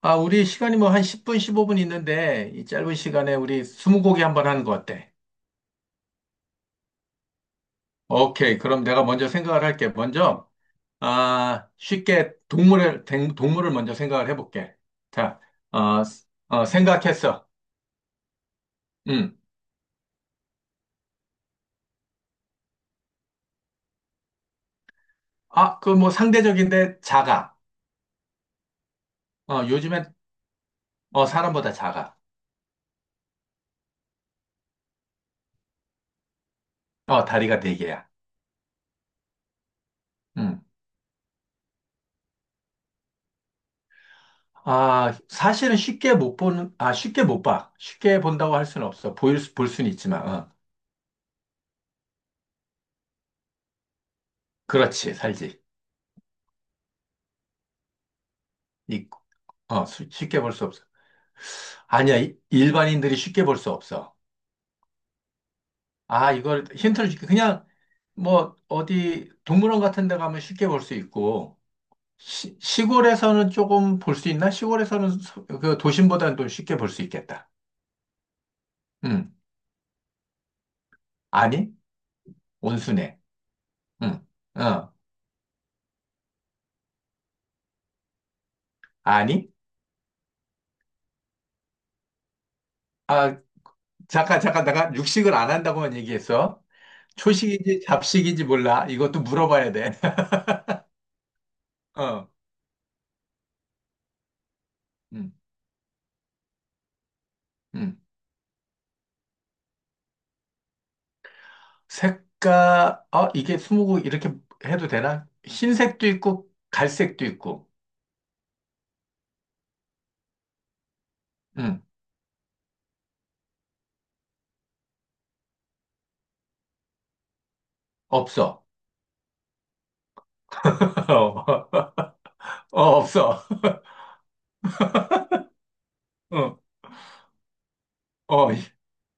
아, 우리 시간이 뭐 한 10분, 15분 있는데, 이 짧은 시간에 우리 스무고개 한번 하는 거 어때? 오케이. 그럼 내가 먼저 생각을 할게. 먼저, 아, 쉽게 동물을 먼저 생각을 해볼게. 자, 생각했어. 음. 아, 그 뭐 상대적인데 작아. 요즘엔, 사람보다 작아. 다리가 네 개야. 음. 아, 사실은 쉽게 못 보는, 아, 쉽게 못 봐. 쉽게 본다고 할 수는 없어. 볼 수는 있지만. 그렇지, 살지. 쉽게 볼 수 없어. 아니야, 일반인들이 쉽게 볼 수 없어. 아, 이걸 힌트를 줄게. 그냥 뭐 어디 동물원 같은 데 가면 쉽게 볼 수 있고, 시골에서는 조금 볼 수 있나? 시골에서는 그 도심보다는 좀 쉽게 볼 수 있겠다. 응. 아니? 온순해. 응. 어. 아니? 아, 잠깐 잠깐 내가 육식을 안 한다고만 얘기했어. 초식인지 잡식인지 몰라. 이것도 물어봐야 돼. 어. 응. 응. 색깔, 아, 이게 스무고 이렇게 해도 되나? 흰색도 있고, 갈색도 있고, 응, 없어. 없어. 어, 어, 이-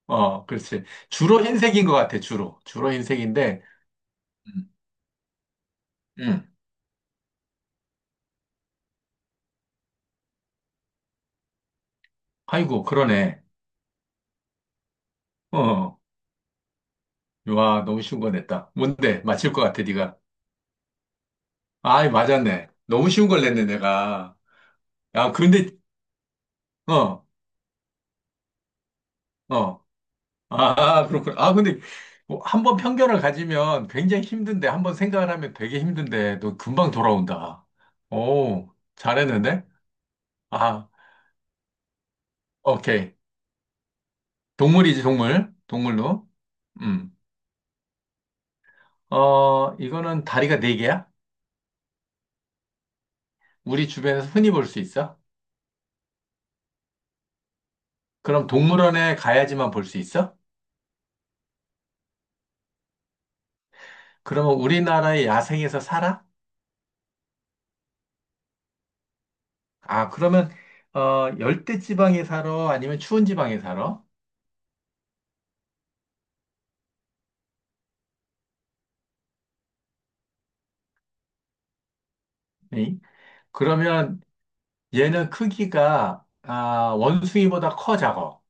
그렇지. 주로 흰색인 것 같아, 주로. 주로 흰색인데, 음, 음. 아이고, 그러네. 어, 와, 너무 쉬운 거 냈다. 뭔데? 맞힐 것 같아, 네가. 아이, 맞았네. 너무 쉬운 걸 냈네, 내가. 야, 근데, 어, 어. 아, 그렇군. 아, 근데 한번 편견을 가지면 굉장히 힘든데, 한번 생각을 하면 되게 힘든데, 너 금방 돌아온다. 오, 잘했는데? 아, 오케이. 동물이지, 동물. 동물로. 음. 이거는 다리가 네 개야? 우리 주변에서 흔히 볼 수 있어? 그럼 동물원에 가야지만 볼 수 있어? 그러면 우리나라의 야생에서 살아? 아, 그러면, 열대 지방에 살아? 아니면 추운 지방에 살아? 네. 그러면 얘는 크기가 아, 원숭이보다 커 작어.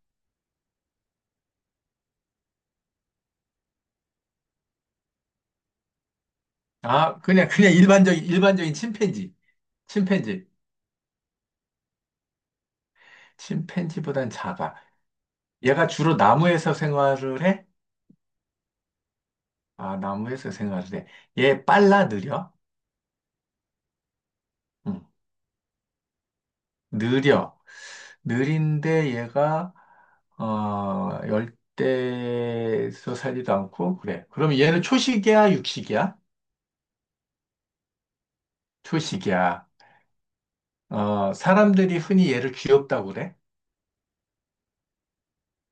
아, 그냥 그냥 일반적인 일반적인 침팬지. 침팬지. 침팬지보단 작아. 얘가 주로 나무에서 생활을 해? 아, 나무에서 생활을 해. 얘 빨라 느려? 응. 느려. 느린데 얘가 열대에서 살지도 않고 그래. 그럼 얘는 초식이야, 육식이야? 초식이야. 사람들이 흔히 얘를 귀엽다고 그래?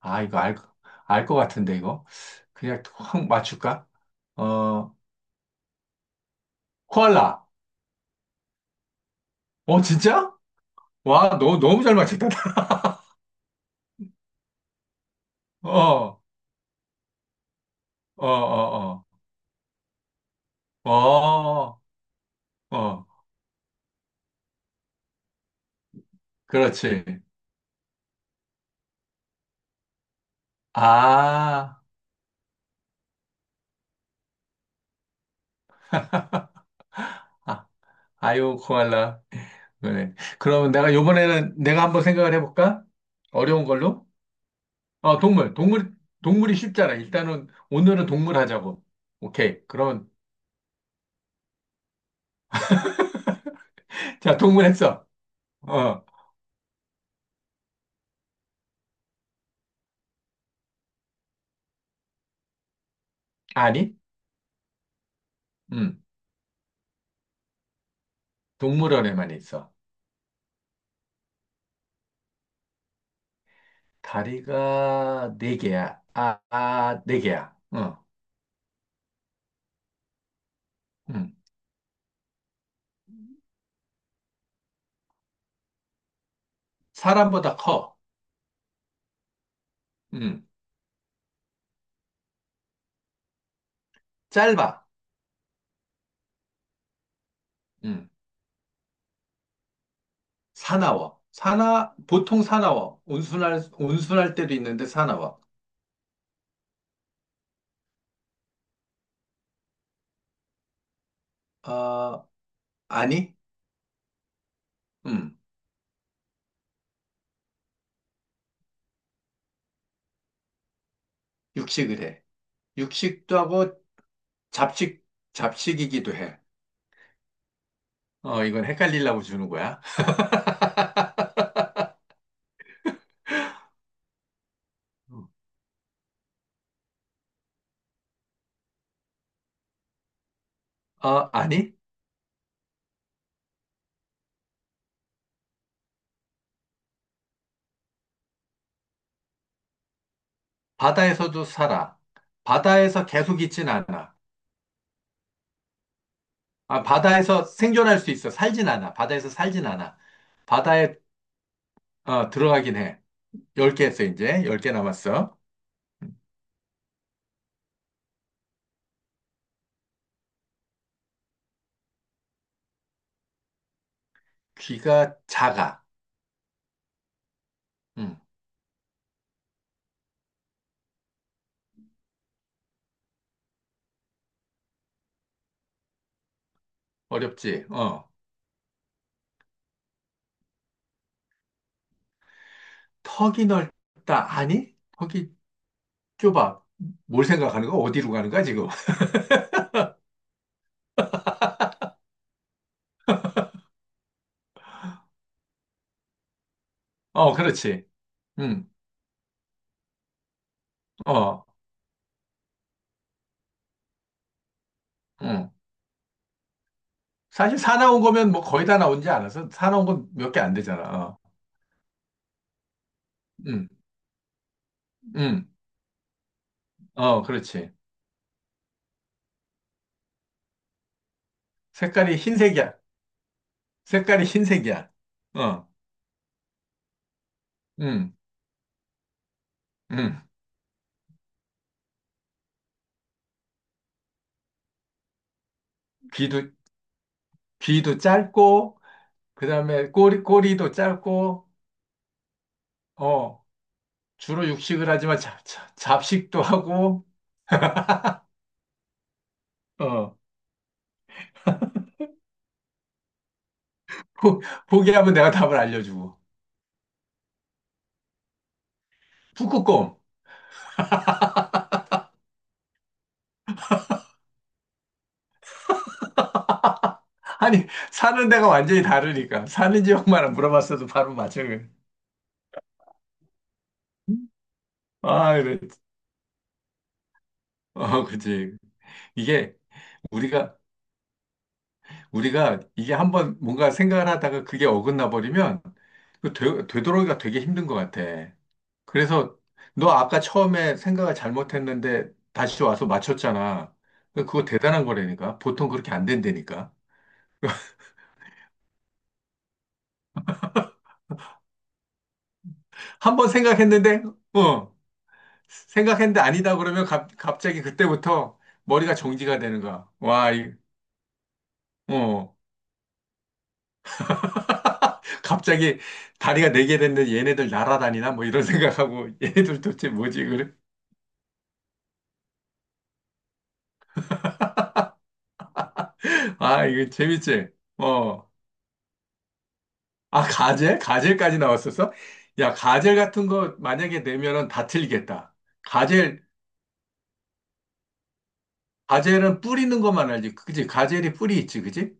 아, 이거 알 것 같은데, 이거. 그냥 확 맞출까? 어, 코알라. 진짜? 와, 너무 잘 맞췄다. 어, 어, 어, 어, 어, 어, 그렇지. 아, 아, 아유, 코알라. 그래. 그러면 내가 요번에는 내가 한번 생각을 해볼까? 어려운 걸로? 동물, 동물, 동물이 쉽잖아. 일단은 오늘은 동물 하자고. 오케이. 그러면, 자, 동물 했어. 어, 아니? 음 동물원에만 있어. 다리가 네 개야. 아, 아, 네 개야. 응, 응. 사람보다 커. 응. 짧아. 응. 사나워. 보통 사나워. 온순할, 온순할 때도 있는데 사나워. 어, 아니? 응. 육식을 해. 육식도 하고 잡식, 잡식이기도 해. 이건 헷갈리려고 주는 거야. 아니? 바다에서도 살아. 바다에서 계속 있진 않아. 아, 바다에서 생존할 수 있어. 살진 않아. 바다에서 살진 않아. 바다에 들어가긴 해. 열 개 했어, 이제. 열 개 남았어. 귀가 작아. 음, 어렵지. 어. 턱이 넓다. 아니? 턱이 좁아. 뭘 생각하는 거야? 어디로 가는 거야, 지금? 그렇지. 음, 어, 음. 사실 사 나온 거면 뭐 거의 다 나온지 않아서 사 나온 건 몇 개 안 되잖아. 어. 음, 음. 그렇지. 색깔이 흰색이야. 색깔이 흰색이야. 어, 음, 음. 귀도, 귀도 짧고, 그 다음에 꼬리도 짧고, 어, 주로 육식을 하지만 잡식도 하고, 어, 포, 포기하면 내가 답을 알려주고. 북극곰. 아니, 사는 데가 완전히 다르니까. 사는 지역만 물어봤어도 바로 맞춰. 아, 그래. 그치. 이게 우리가, 우리가 이게 한번 뭔가 생각을 하다가 그게 어긋나 버리면 그 되돌아오기가 되게 힘든 것 같아. 그래서 너 아까 처음에 생각을 잘못했는데 다시 와서 맞췄잖아. 그러니까 그거 대단한 거라니까. 보통 그렇게 안 된다니까. 한번 어, 생각했는데 아니다 그러면 갑자기 그때부터 머리가 정지가 되는 거야. 와, 어, 갑자기 다리가 네 개 됐는데 얘네들 날아다니나? 뭐 이런 생각하고 얘네들 도대체 뭐지? 그래? 아, 이거 재밌지? 어. 아, 가젤? 가젤까지 나왔었어? 야, 가젤 같은 거 만약에 내면은 다 틀리겠다. 가젤 가젤은 뿌리는 것만 알지. 그지? 가젤이 뿌리 있지, 그지?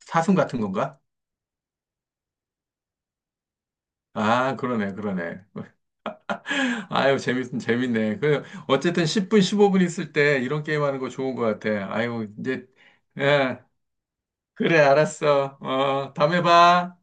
사슴 같은 건가? 아, 그러네, 그러네. 아유, 재밌네. 어쨌든 10분, 15분 있을 때 이런 게임 하는 거 좋은 것 같아. 아유, 이제, 예, 그래, 알았어. 다음에 봐.